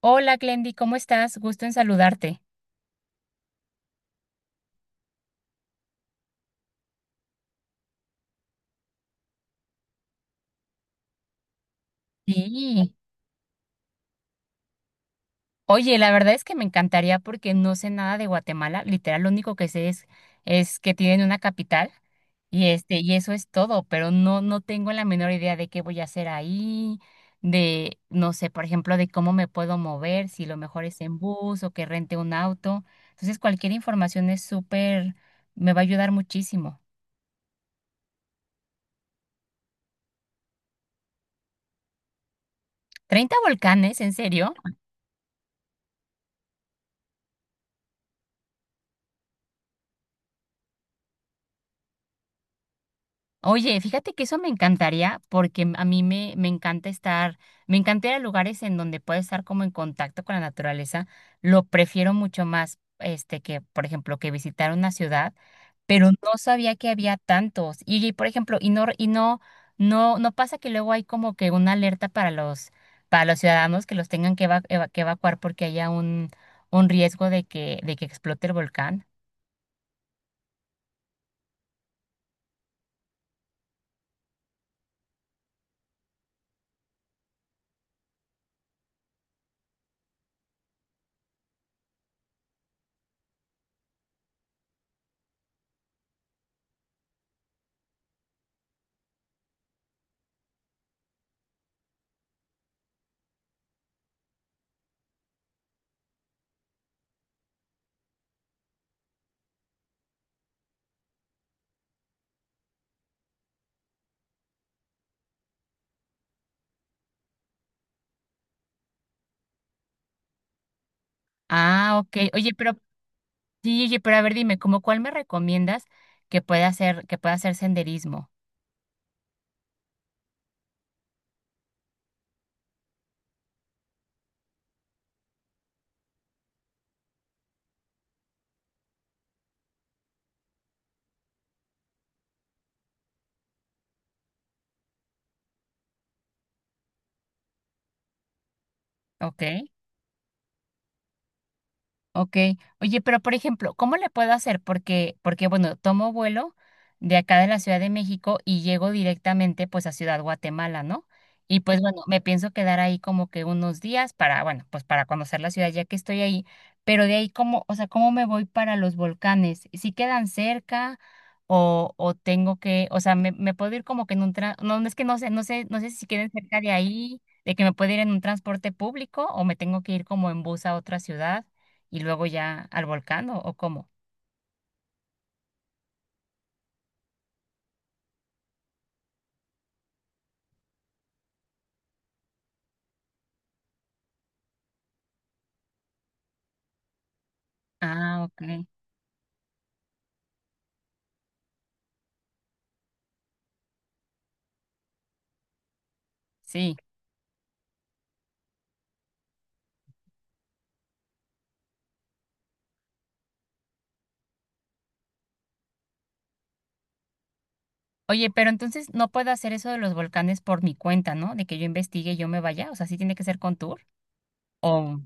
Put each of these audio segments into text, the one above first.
Hola, Glendy, ¿cómo estás? Gusto en saludarte. Sí. Oye, la verdad es que me encantaría porque no sé nada de Guatemala. Literal, lo único que sé es que tienen una capital y eso es todo, pero no tengo la menor idea de qué voy a hacer ahí, no sé, por ejemplo, de cómo me puedo mover, si lo mejor es en bus o que rente un auto. Entonces, cualquier información es súper, me va a ayudar muchísimo. ¿Treinta volcanes? ¿En serio? Oye, fíjate que eso me encantaría porque a mí me encanta estar, me encanta ir a lugares en donde puedo estar como en contacto con la naturaleza. Lo prefiero mucho más, por ejemplo, que visitar una ciudad, pero no sabía que había tantos. Por ejemplo, no pasa que luego hay como que una alerta para para los ciudadanos que los tengan que, que evacuar porque haya un riesgo de de que explote el volcán. Ah, ok. Oye, pero… Sí, oye, pero a ver, dime, ¿cómo cuál me recomiendas que pueda hacer senderismo? ¿Ok? Ok, oye, pero por ejemplo, ¿cómo le puedo hacer? Porque bueno, tomo vuelo de acá de la Ciudad de México y llego directamente pues a Ciudad Guatemala, ¿no? Y pues bueno, me pienso quedar ahí como que unos días para, bueno, pues para conocer la ciudad ya que estoy ahí, pero de ahí cómo, o sea, ¿cómo me voy para los volcanes? ¿Si quedan cerca o tengo que, o sea, me puedo ir como que en un no, no es que no sé, no sé si quedan cerca de ahí, de que me puedo ir en un transporte público o me tengo que ir como en bus a otra ciudad? Y luego ya al volcán o ¿cómo? Ah, ok. Sí. Oye, pero entonces no puedo hacer eso de los volcanes por mi cuenta, ¿no? De que yo investigue y yo me vaya. O sea, sí tiene que ser con tour. O.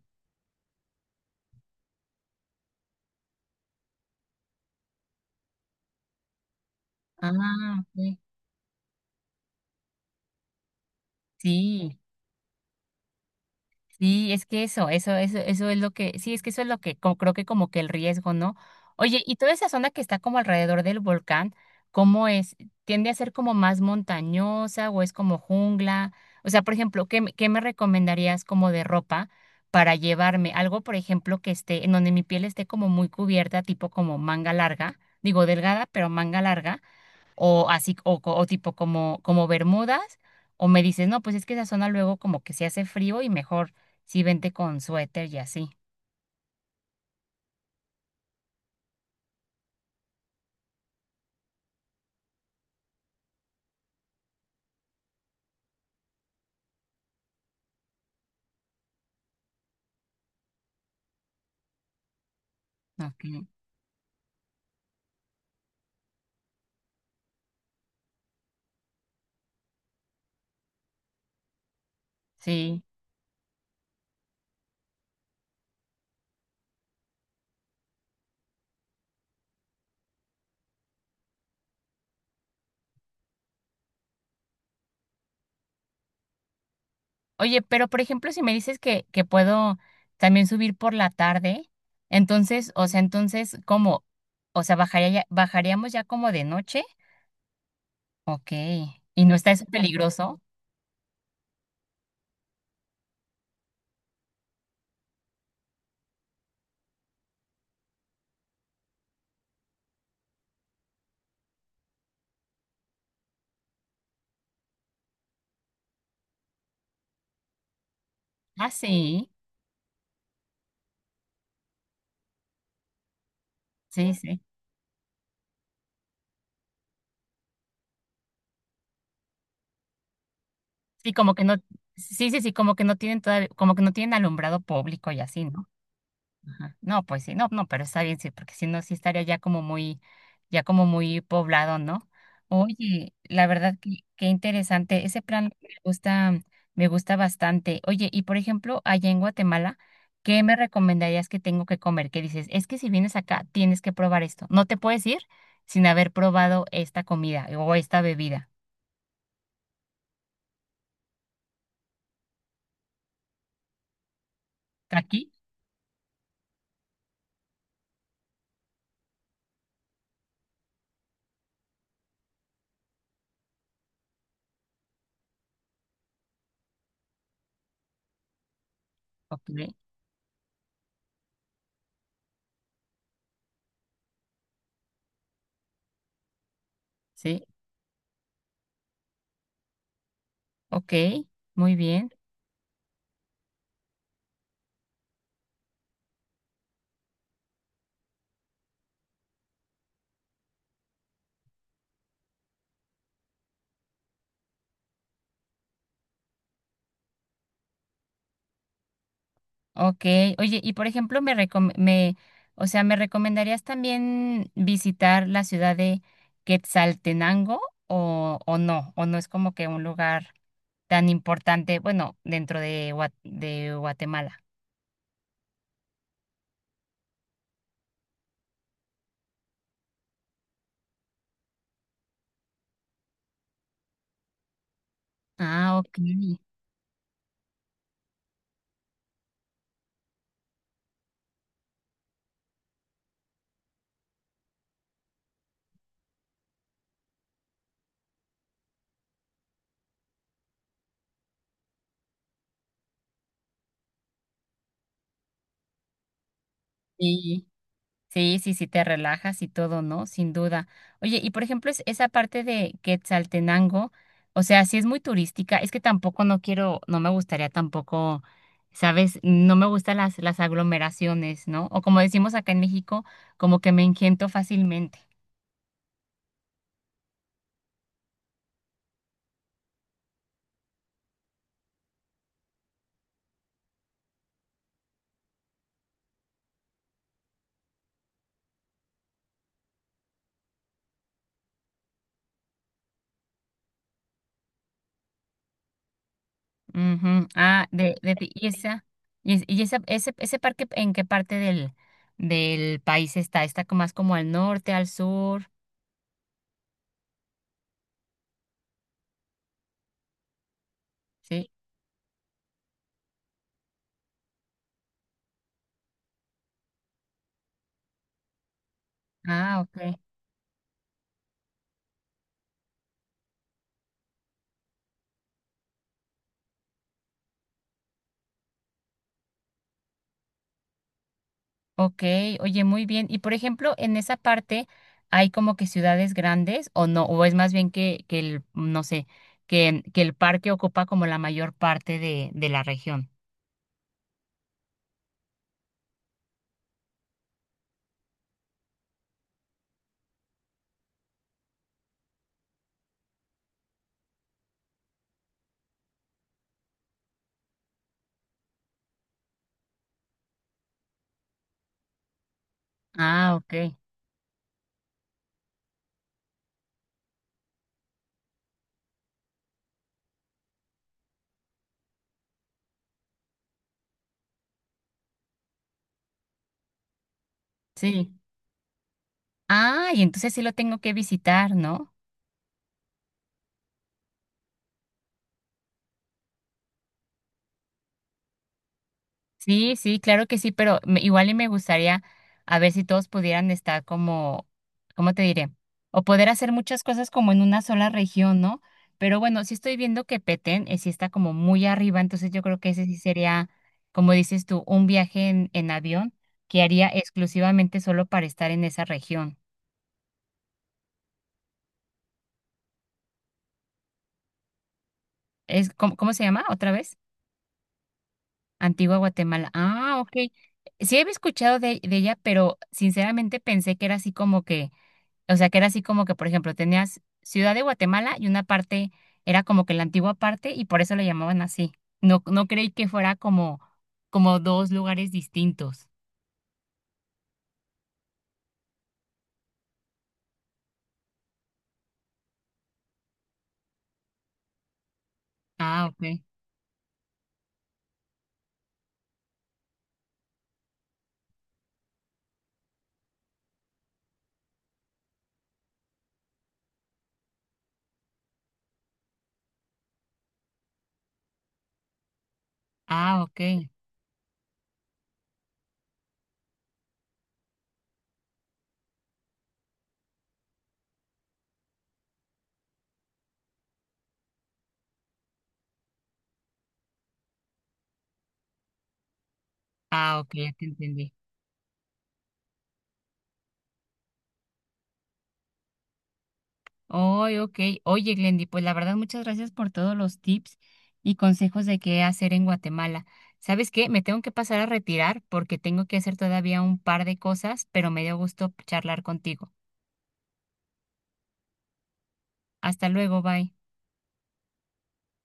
Ah, ok. Sí. Sí, es que eso es lo que, sí, es que eso es lo que creo que como que el riesgo, ¿no? Oye, y toda esa zona que está como alrededor del volcán, ¿cómo es? ¿Tiende a ser como más montañosa o es como jungla? O sea, por ejemplo, ¿qué me recomendarías como de ropa para llevarme? Algo, por ejemplo, que esté, en donde mi piel esté como muy cubierta, tipo como manga larga, digo delgada, pero manga larga o así, o tipo como Bermudas, o me dices, no, pues es que esa zona luego como que se hace frío y mejor si vente con suéter y así. ¿No? Ok. Sí. Oye, pero por ejemplo, si me dices que puedo también subir por la tarde, entonces, o sea, entonces, ¿cómo? O sea, bajaríamos ya como de noche. Ok. ¿Y no está eso peligroso? Ah, sí. Sí, sí. Sí, como que no, Sí, como que no tienen todavía, como que no tienen alumbrado público y así, ¿no? Ajá. No, pues sí, no, pero está bien, sí, porque si no, sí estaría ya como muy poblado, ¿no? Oye, la verdad que qué interesante, ese plan me gusta bastante. Oye, y por ejemplo, allá en Guatemala, ¿qué me recomendarías que tengo que comer? Que dices, es que si vienes acá, tienes que probar esto. No te puedes ir sin haber probado esta comida o esta bebida. ¿Aquí? Ok, sí, ok, muy bien. Ok, oye, y por ejemplo, o sea, ¿me recomendarías también visitar la ciudad de Quetzaltenango o no? ¿O no es como que un lugar tan importante, bueno, dentro de Guatemala? Ah, ok. Sí. Sí, sí, sí, te relajas y todo, ¿no? Sin duda. Oye, y por ejemplo, es esa parte de Quetzaltenango, o sea, sí es muy turística, es que tampoco no quiero, no me gustaría tampoco, ¿sabes? No me gustan las aglomeraciones, ¿no? O como decimos acá en México, como que me engento fácilmente. Ujú. Ah, de, ti- y esa, y esa, ese parque, ¿en qué parte del país está? ¿Está como más como al norte, al sur? Sí. Ah, ok. Ok, oye, muy bien. Y por ejemplo, en esa parte hay como que ciudades grandes o no, o es más bien que el, no sé, que el parque ocupa como la mayor parte de la región. Ah, ok. Sí. Ah, y entonces sí lo tengo que visitar, ¿no? Sí, sí, claro que sí, pero igual y me gustaría a ver si todos pudieran estar como, ¿cómo te diré? O poder hacer muchas cosas como en una sola región, ¿no? Pero bueno, sí estoy viendo que Petén sí está como muy arriba, entonces yo creo que ese sí sería, como dices tú, un viaje en avión que haría exclusivamente solo para estar en esa región. Es, ¿cómo, cómo se llama? ¿Otra vez? Antigua Guatemala. Ah, ok. Sí había escuchado de ella, pero sinceramente pensé que era así como que… O sea, que era así como que, por ejemplo, tenías Ciudad de Guatemala y una parte era como que la antigua parte y por eso le llamaban así. No, no creí que fuera como, como dos lugares distintos. Ah, ok. Ah, ok. Ah, ok, ya te entendí. Oye, ok. Oye, Glendy, pues la verdad, muchas gracias por todos los tips y consejos de qué hacer en Guatemala. ¿Sabes qué? Me tengo que pasar a retirar porque tengo que hacer todavía un par de cosas, pero me dio gusto charlar contigo. Hasta luego, bye.